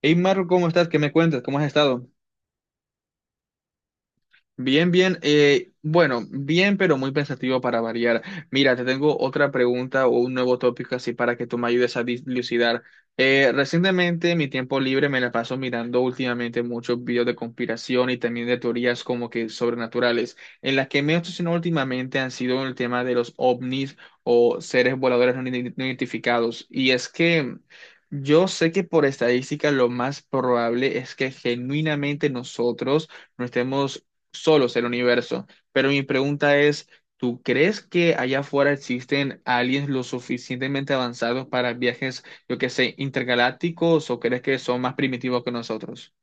Hey Marco, ¿cómo estás? ¿Qué me cuentas? ¿Cómo has estado? Bien, bien. Bueno, bien, pero muy pensativo para variar. Mira, te tengo otra pregunta o un nuevo tópico así para que tú me ayudes a dilucidar. Recientemente, mi tiempo libre me la paso mirando últimamente muchos videos de conspiración y también de teorías como que sobrenaturales. En las que me he obsesionado últimamente han sido el tema de los ovnis o seres voladores no identificados. Y es que... Yo sé que por estadística lo más probable es que genuinamente nosotros no estemos solos el universo. Pero mi pregunta es, ¿tú crees que allá afuera existen aliens lo suficientemente avanzados para viajes, yo que sé, intergalácticos, o crees que son más primitivos que nosotros?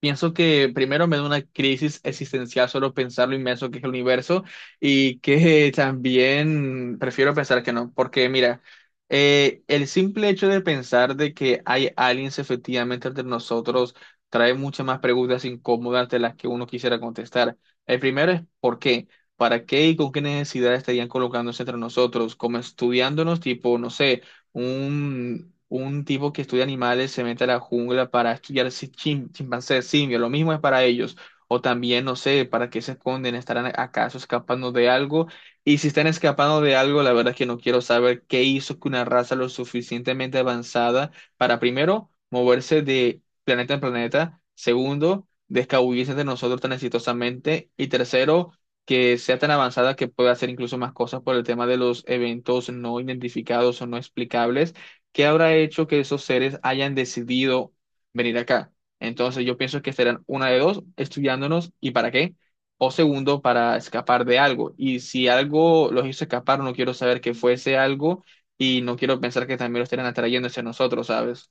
Pienso que primero me da una crisis existencial solo pensar lo inmenso que es el universo y que también prefiero pensar que no, porque mira, el simple hecho de pensar de que hay aliens efectivamente entre nosotros trae muchas más preguntas incómodas de las que uno quisiera contestar. El primero es ¿por qué? ¿Para qué y con qué necesidad estarían colocándose entre nosotros? Como estudiándonos, tipo, no sé, un tipo que estudia animales se mete a la jungla para estudiar chimpancés, simios, lo mismo es para ellos. O también, no sé, ¿para qué se esconden? ¿Estarán acaso escapando de algo? Y si están escapando de algo, la verdad es que no quiero saber qué hizo que una raza lo suficientemente avanzada para, primero, moverse de planeta en planeta, segundo, descabullirse de nosotros tan exitosamente, y tercero, que sea tan avanzada que pueda hacer incluso más cosas por el tema de los eventos no identificados o no explicables, que habrá hecho que esos seres hayan decidido venir acá. Entonces yo pienso que serán una de dos, estudiándonos y para qué, o segundo, para escapar de algo. Y si algo los hizo escapar, no quiero saber que fuese algo y no quiero pensar que también lo estarán atrayendo hacia nosotros, ¿sabes?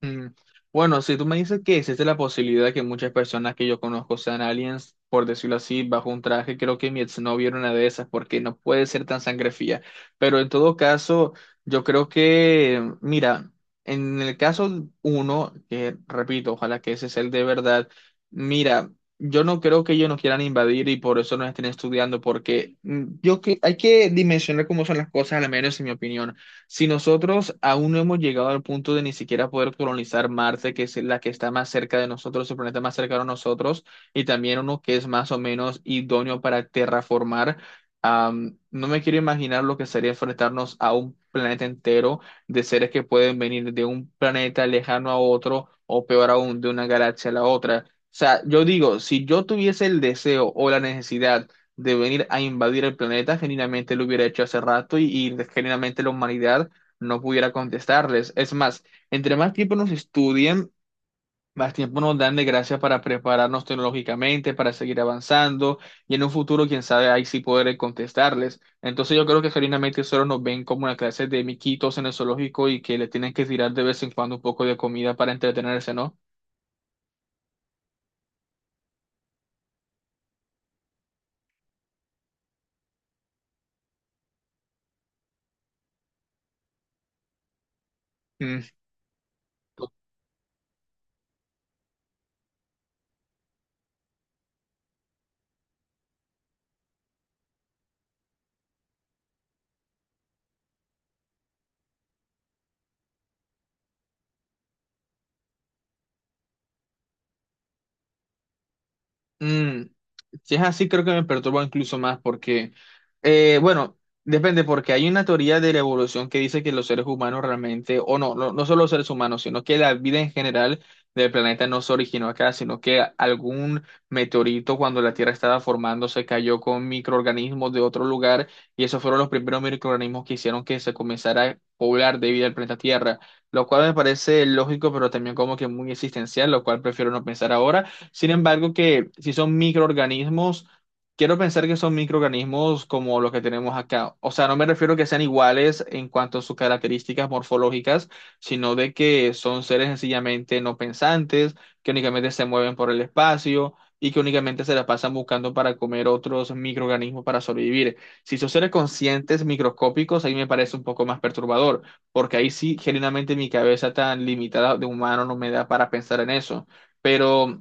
Mm. Bueno, si tú me dices que existe la posibilidad de que muchas personas que yo conozco sean aliens, por decirlo así, bajo un traje, creo que mi exnovio era una de esas, porque no puede ser tan sangre fría. Pero en todo caso, yo creo que, mira, en el caso uno, que repito, ojalá que ese sea el de verdad, mira, yo no creo que ellos nos quieran invadir y por eso nos estén estudiando, porque yo que hay que dimensionar cómo son las cosas, al menos en mi opinión. Si nosotros aún no hemos llegado al punto de ni siquiera poder colonizar Marte, que es la que está más cerca de nosotros, el planeta más cercano a nosotros, y también uno que es más o menos idóneo para terraformar, no me quiero imaginar lo que sería enfrentarnos a un planeta entero de seres que pueden venir de un planeta lejano a otro, o peor aún, de una galaxia a la otra. O sea, yo digo, si yo tuviese el deseo o la necesidad de venir a invadir el planeta, genuinamente lo hubiera hecho hace rato y, genuinamente la humanidad no pudiera contestarles. Es más, entre más tiempo nos estudien, más tiempo nos dan de gracia para prepararnos tecnológicamente, para seguir avanzando y en un futuro, quién sabe, ahí sí poder contestarles. Entonces yo creo que genuinamente solo nos ven como una clase de miquitos en el zoológico y que le tienen que tirar de vez en cuando un poco de comida para entretenerse, ¿no? Mm. Mm, si es así, creo que me perturba incluso más porque, bueno, depende, porque hay una teoría de la evolución que dice que los seres humanos realmente, o no, no solo los seres humanos, sino que la vida en general del planeta no se originó acá, sino que algún meteorito cuando la Tierra estaba formándose cayó con microorganismos de otro lugar y esos fueron los primeros microorganismos que hicieron que se comenzara a poblar de vida el planeta Tierra, lo cual me parece lógico, pero también como que muy existencial, lo cual prefiero no pensar ahora. Sin embargo, que si son microorganismos, quiero pensar que son microorganismos como los que tenemos acá. O sea, no me refiero que sean iguales en cuanto a sus características morfológicas, sino de que son seres sencillamente no pensantes, que únicamente se mueven por el espacio y que únicamente se la pasan buscando para comer otros microorganismos para sobrevivir. Si son seres conscientes microscópicos, ahí me parece un poco más perturbador, porque ahí sí, genuinamente mi cabeza tan limitada de humano no me da para pensar en eso. Pero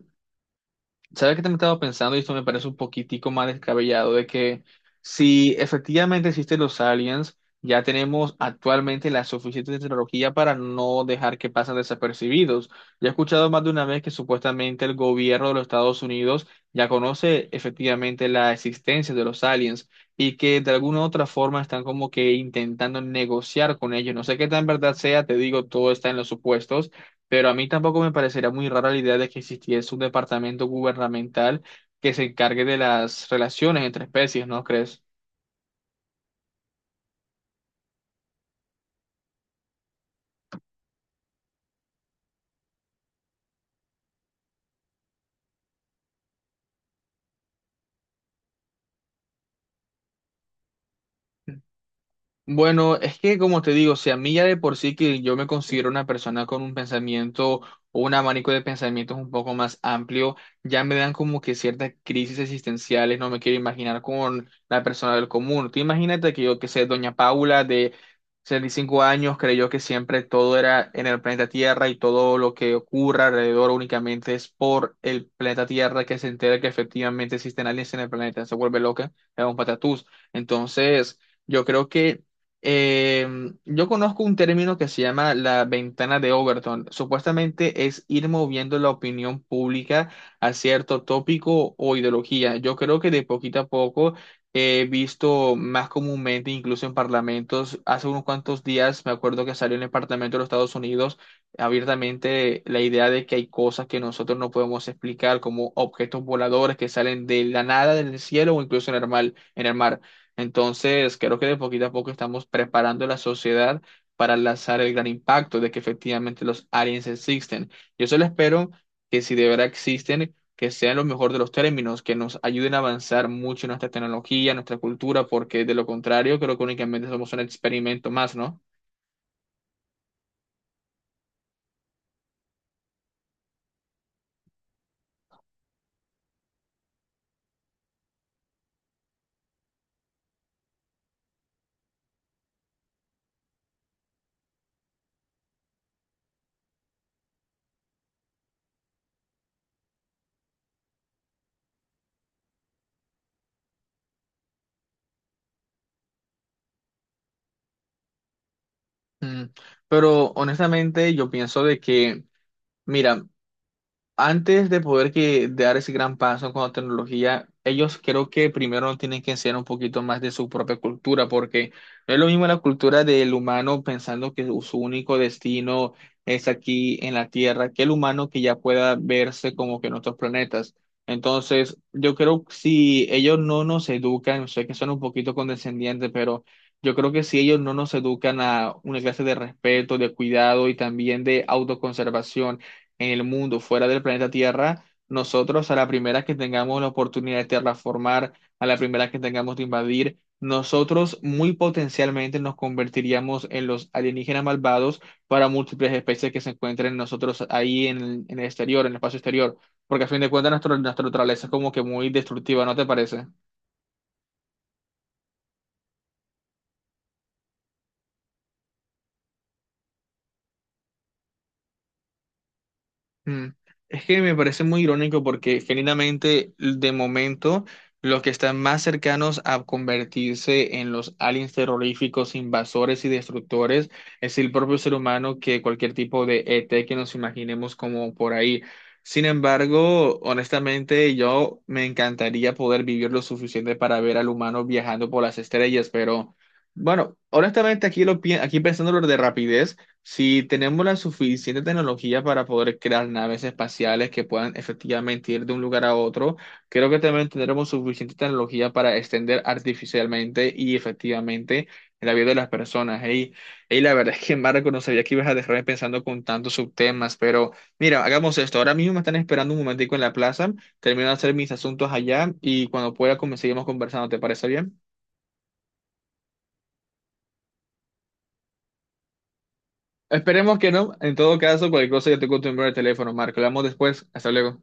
¿sabes qué te he estado pensando? Y esto me parece un poquitico más descabellado, de que si efectivamente existen los aliens, ya tenemos actualmente la suficiente tecnología para no dejar que pasen desapercibidos. Ya he escuchado más de una vez que supuestamente el gobierno de los Estados Unidos ya conoce efectivamente la existencia de los aliens y que de alguna u otra forma están como que intentando negociar con ellos. No sé qué tan verdad sea, te digo, todo está en los supuestos, pero a mí tampoco me parecería muy rara la idea de que existiese un departamento gubernamental que se encargue de las relaciones entre especies, ¿no crees? Bueno, es que como te digo, si a mí ya de por sí, que yo me considero una persona con un pensamiento o un abanico de pensamientos un poco más amplio, ya me dan como que ciertas crisis existenciales, no me quiero imaginar con la persona del común. Tú imagínate que yo, que sé, doña Paula de 65 años creyó que siempre todo era en el planeta Tierra y todo lo que ocurra alrededor únicamente es por el planeta Tierra, que se entera que efectivamente existen aliens en el planeta, se vuelve loca, es un patatús. Entonces... Yo creo que eh, yo conozco un término que se llama la ventana de Overton. Supuestamente es ir moviendo la opinión pública a cierto tópico o ideología. Yo creo que de poquito a poco he visto más comúnmente, incluso en parlamentos. Hace unos cuantos días me acuerdo que salió en el Parlamento de los Estados Unidos abiertamente la idea de que hay cosas que nosotros no podemos explicar, como objetos voladores que salen de la nada del cielo o incluso en el mar. En el mar. Entonces, creo que de poquito a poco estamos preparando la sociedad para lanzar el gran impacto de que efectivamente los aliens existen. Yo solo espero que si de verdad existen, que sean lo mejor de los términos, que nos ayuden a avanzar mucho en nuestra tecnología, nuestra cultura, porque de lo contrario, creo que únicamente somos un experimento más, ¿no? Mm. Pero honestamente yo pienso de que, mira, antes de poder que dar ese gran paso con la tecnología, ellos creo que primero nos tienen que enseñar un poquito más de su propia cultura, porque no es lo mismo la cultura del humano pensando que su único destino es aquí en la Tierra, que el humano que ya pueda verse como que en otros planetas. Entonces, yo creo que si ellos no nos educan, sé que son un poquito condescendientes, pero yo creo que si ellos no nos educan a una clase de respeto, de cuidado y también de autoconservación, en el mundo, fuera del planeta Tierra, nosotros a la primera que tengamos la oportunidad de terraformar, a la primera que tengamos de invadir, nosotros muy potencialmente nos convertiríamos en los alienígenas malvados para múltiples especies que se encuentren nosotros ahí en, en el exterior, en el espacio exterior, porque a fin de cuentas nuestra naturaleza es como que muy destructiva, ¿no te parece? Mm. Es que me parece muy irónico porque genuinamente de momento los que están más cercanos a convertirse en los aliens terroríficos, invasores y destructores es el propio ser humano que cualquier tipo de ET que nos imaginemos como por ahí. Sin embargo, honestamente yo me encantaría poder vivir lo suficiente para ver al humano viajando por las estrellas, pero bueno, honestamente aquí aquí pensándolo de rapidez. Si tenemos la suficiente tecnología para poder crear naves espaciales que puedan efectivamente ir de un lugar a otro, creo que también tendremos suficiente tecnología para extender artificialmente y efectivamente la vida de las personas. Y la verdad es que Marco, no sabía que ibas a dejarme pensando con tantos subtemas, pero mira, hagamos esto. Ahora mismo me están esperando un momentico en la plaza, termino de hacer mis asuntos allá y cuando pueda como seguimos conversando. ¿Te parece bien? Esperemos que no. En todo caso, cualquier cosa yo te cuento el número de teléfono, Marco. Hablamos después. Hasta luego.